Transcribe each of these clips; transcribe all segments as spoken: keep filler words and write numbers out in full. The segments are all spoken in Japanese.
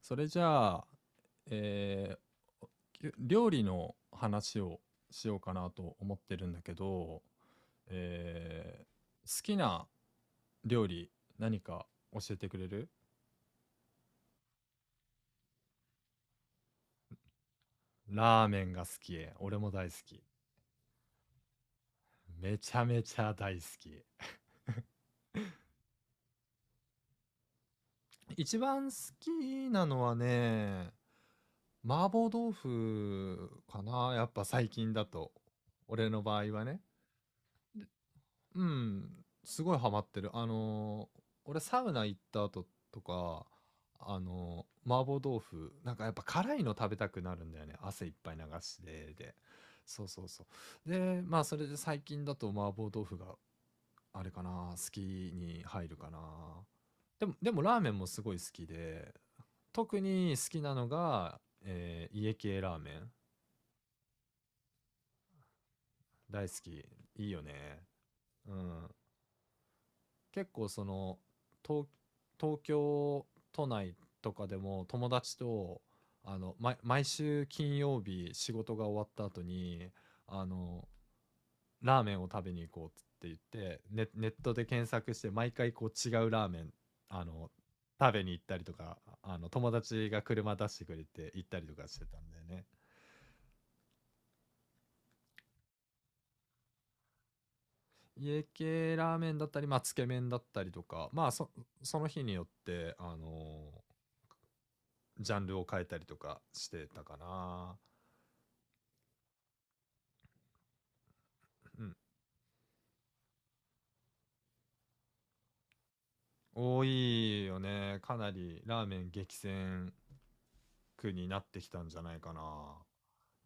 それじゃあ、えー料理の話をしようかなと思ってるんだけど、えー好きな料理何か教えてくれる？ラーメンが好き。俺も大好き。めちゃめちゃ大好き。一番好きなのはね、麻婆豆腐かな。やっぱ最近だと。俺の場合はね。うん、すごいハマってる。あのー、俺サウナ行った後とか、あのー、麻婆豆腐、なんかやっぱ辛いの食べたくなるんだよね。汗いっぱい流してで。そうそうそう。で、まあそれで最近だと麻婆豆腐があれかな、好きに入るかな。でも、でもラーメンもすごい好きで、特に好きなのが、えー家系ラーメン。大好き。いいよね。うん。結構その東東京都内とかでも友達とあの、ま、毎週金曜日仕事が終わった後にあのラーメンを食べに行こうって言ってネネットで検索して毎回こう違うラーメンあの食べに行ったりとかあの友達が車出してくれて行ったりとかしてたんだよね。家系ラーメンだったり、まあ、つけ麺だったりとかまあそその日によってあのジャンルを変えたりとかしてたかな。うん。多いよね。かなりラーメン激戦区になってきたんじゃないかな。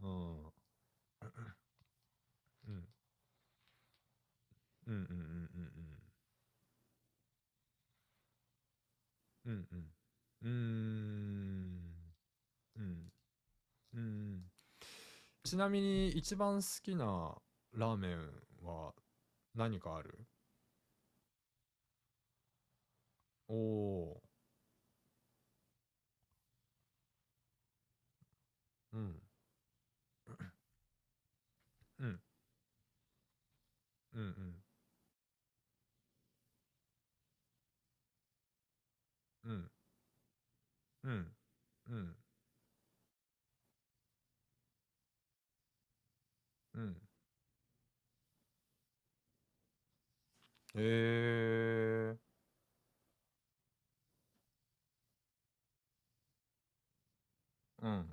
うん。うん。うんうんうんうんうんうん。うんうん。うん。ちなみに一番好きなラーメンは何かある？おおー。うん。うん。うんうん。うん。うん。うん。うん。えー。うん。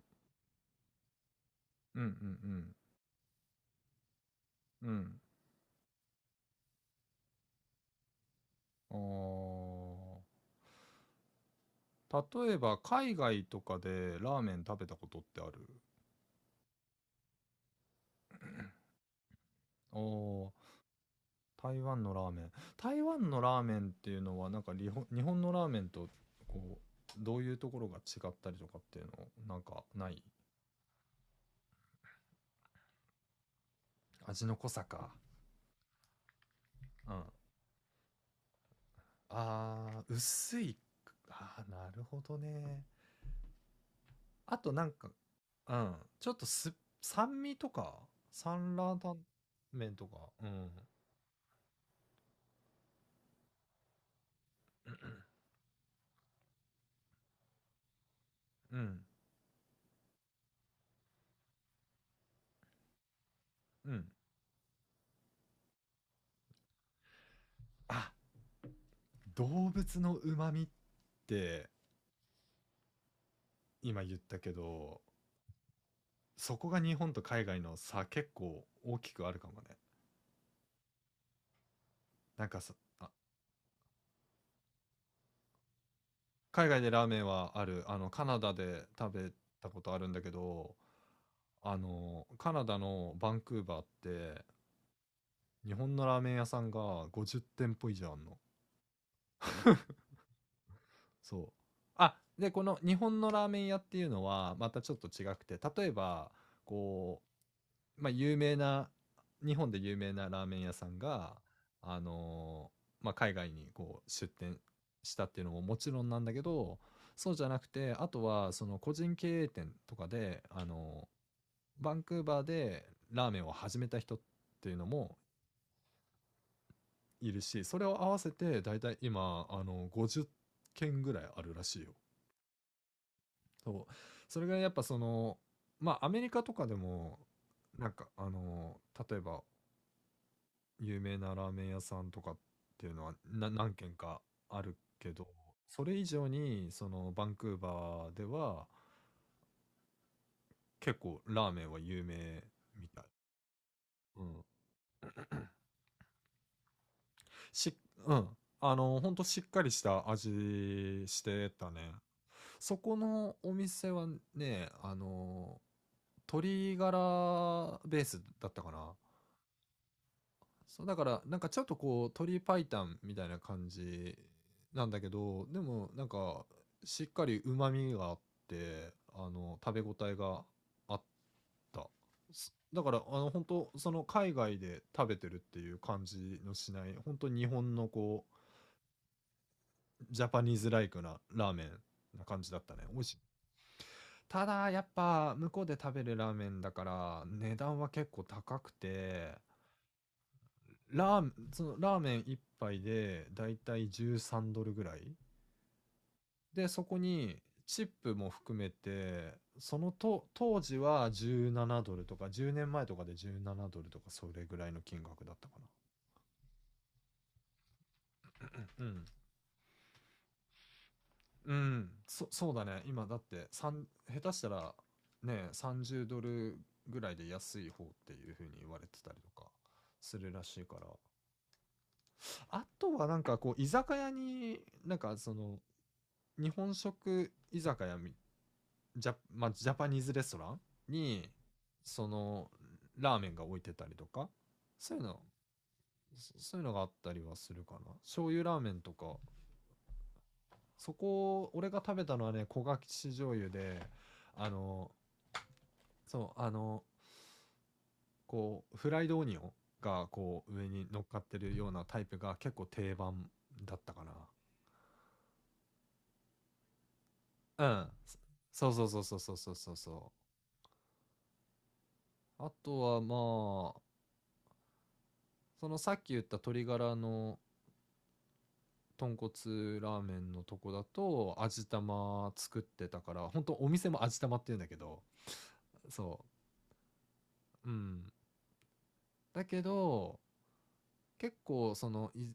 うんうんうん。うん。ああ。例えば、海外とかでラーメン食べたことってある？おおー。台湾のラーメン。台湾のラーメンっていうのは、なんか日本、日本のラーメンと、こう、どういうところが違ったりとかっていうの、なんかない？味の濃さか。うん。ああ、薄い。ああ、なるほどね。あとなんか、うん。ちょっとす、酸味とか、酸辣湯麺とか、うん。うん、うん。あ、動物の旨味って今言ったけど、そこが日本と海外の差結構大きくあるかもね。なんかさ、あ、海外でラーメンはある。あの、カナダで食べたことあるんだけど、あの、カナダのバンクーバーって、日本のラーメン屋さんがごじゅう店舗以上あんの。そう。あ、で、この日本のラーメン屋っていうのはまたちょっと違くて、例えば、こうまあ、有名な、日本で有名なラーメン屋さんが、あのーまあ、海外にこう出店したっていうのももちろんなんだけど、そうじゃなくて、あとはその個人経営店とかで、あのーバンクーバーでラーメンを始めた人っていうのもいるし、それを合わせてだいたい今、あのーごじゅっけんぐらいあるらしいよ。そう。それがやっぱその、まあ、アメリカとかでも、なんか、あのー例えば、有名なラーメン屋さんとかっていうのは、な何軒かあるけど、それ以上に、その、バンクーバーでは、結構ラーメンは有名みたい。うん。しうん。あの、ほんとしっかりした味してたね。そこのお店はね、あの、鶏ガラベースだったかな。そう、だから、なんかちょっとこう、鳥白湯みたいな感じなんだけど、でもなんか、しっかり旨味があって、あの、食べ応えがあった。すだから、あの、本当その海外で食べてるっていう感じのしない、本当日本のこう、ジャパニーズライクなラーメンな感じだったね。美味しい。ただ、やっぱ、向こうで食べるラーメンだから、値段は結構高くて、ラーメンそのラーメン一杯でだいたいじゅうさんドルぐらいでそこにチップも含めてそのと当時はじゅうななドルとかじゅうねんまえとかでじゅうななドルとかそれぐらいの金額だったかな。うんうん。そそうだね、今だって三下手したらねさんじゅうドルぐらいで安い方っていう風に言われてたりとかするらしいから。あとはなんかこう居酒屋になんかその日本食居酒屋みジャ,、まあ、ジャパニーズレストランにそのラーメンが置いてたりとかそういうのそういうのがあったりはするかな。醤油ラーメンとか、そこ俺が食べたのはね焦がし醤油であのそうあのこうフライドオニオンがこう上に乗っかってるようなタイプが結構定番だったかな。うんそうそうそうそうそうそうそうそう。あとはまあそのさっき言った鶏ガラの豚骨ラーメンのとこだと味玉作ってたから本当お店も味玉って言うんだけど、そう。うん、だけど結構そのい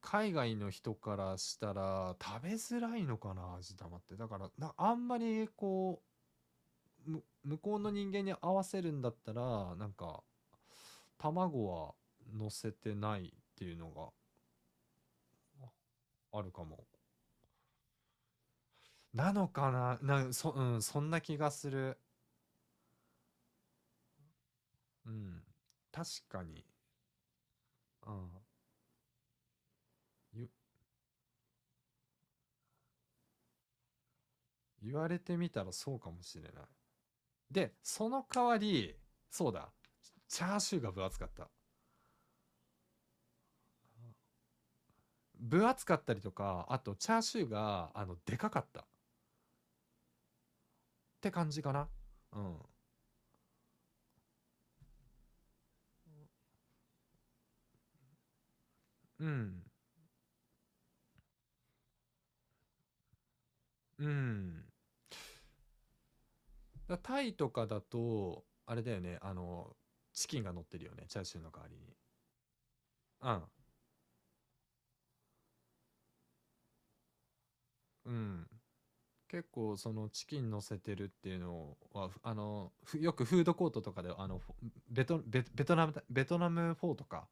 海外の人からしたら食べづらいのかな味玉って。だからなあんまりこうむ向こうの人間に合わせるんだったらなんか卵は乗せてないっていうのがあるかもなのかな、なそ,、うん、そんな気がする。うん。確かに。うん。言、言われてみたらそうかもしれない。で、その代わり、そうだ。チャーシューが分厚かった。分厚かったりとか、あとチャーシューが、あの、でかかったって感じかな。うん。うん。うん。だタイとかだと、あれだよね、あの、チキンが乗ってるよね、チャーシューの代わりに。うん。うん。結構そのチキン乗せてるっていうのはふあのふよくフードコートとかであのフォベトベベトナムだベトナムフォーとか、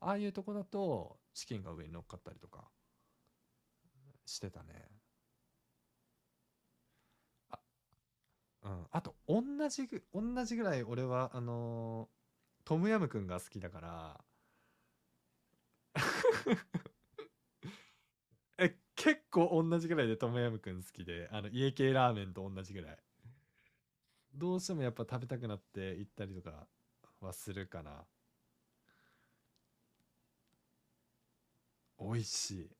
ああいうとこだとチキンが上に乗っかったりとかしてたね。あ,、うん、あと同じぐ同じぐらい俺はあのートムヤムくんが好きだから、え結構同じぐらいでトムヤムくん好きであの家系ラーメンと同じぐらいどうしてもやっぱ食べたくなって行ったりとかはするかな。美味しい。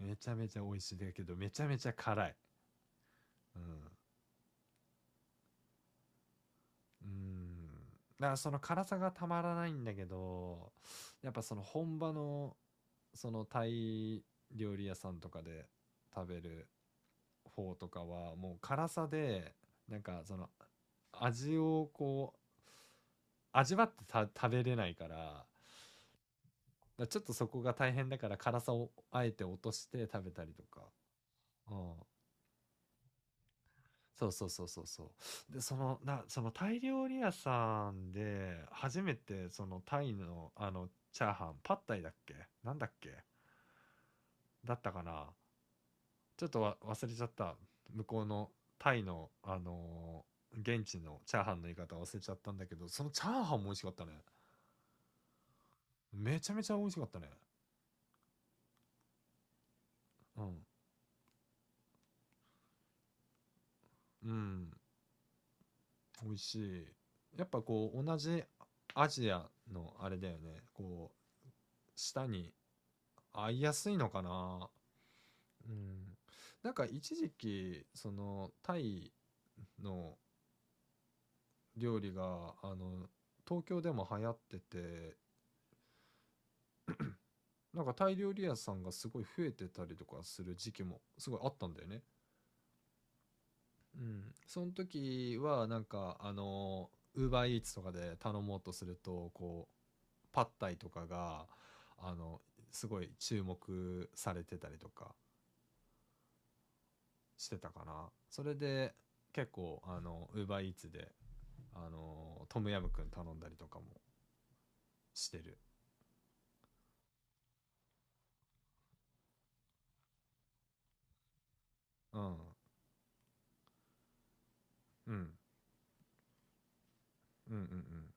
めちゃめちゃ美味しい。だけど、めちゃめちゃ辛い。うん。うん。だからその辛さがたまらないんだけど、やっぱその本場の、そのタイ料理屋さんとかで食べる方とかは、もう辛さで、なんかその味をこう、味わってた食べれないから、だからちょっとそこが大変だから辛さをあえて落として食べたりとか。うん。そうそうそうそうそう。で、その、な、そのタイ料理屋さんで、初めてそのタイの、あの、チャーハン、パッタイだっけなんだっけだったかなちょっとわ忘れちゃった。向こうのタイの、あのー現地のチャーハンの言い方忘れちゃったんだけど、そのチャーハンも美味しかったね。めちゃめちゃ美味しかったね。うん。うん。美味しい。やっぱこう、同じアジアのあれだよね。こう、舌に合いやすいのかな。うん、なんか一時期そのタイの料理があの東京でも流行ってて、なんかタイ料理屋さんがすごい増えてたりとかする時期もすごいあったんだよね。うん、その時はなんかあのウーバーイーツとかで頼もうとするとこうパッタイとかがあのすごい注目されてたりとかしてたかな。それで結構あのウーバーイーツであのトムヤムくん頼んだりとかもしてる、うん、うんうんうんうん、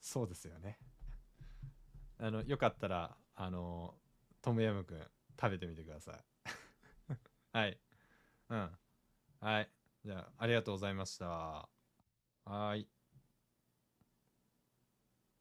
そうですよね。あのよかったらあのトムヤムくん食べてみてください。はい。うん。はい。じゃあ、ありがとうございました。はい。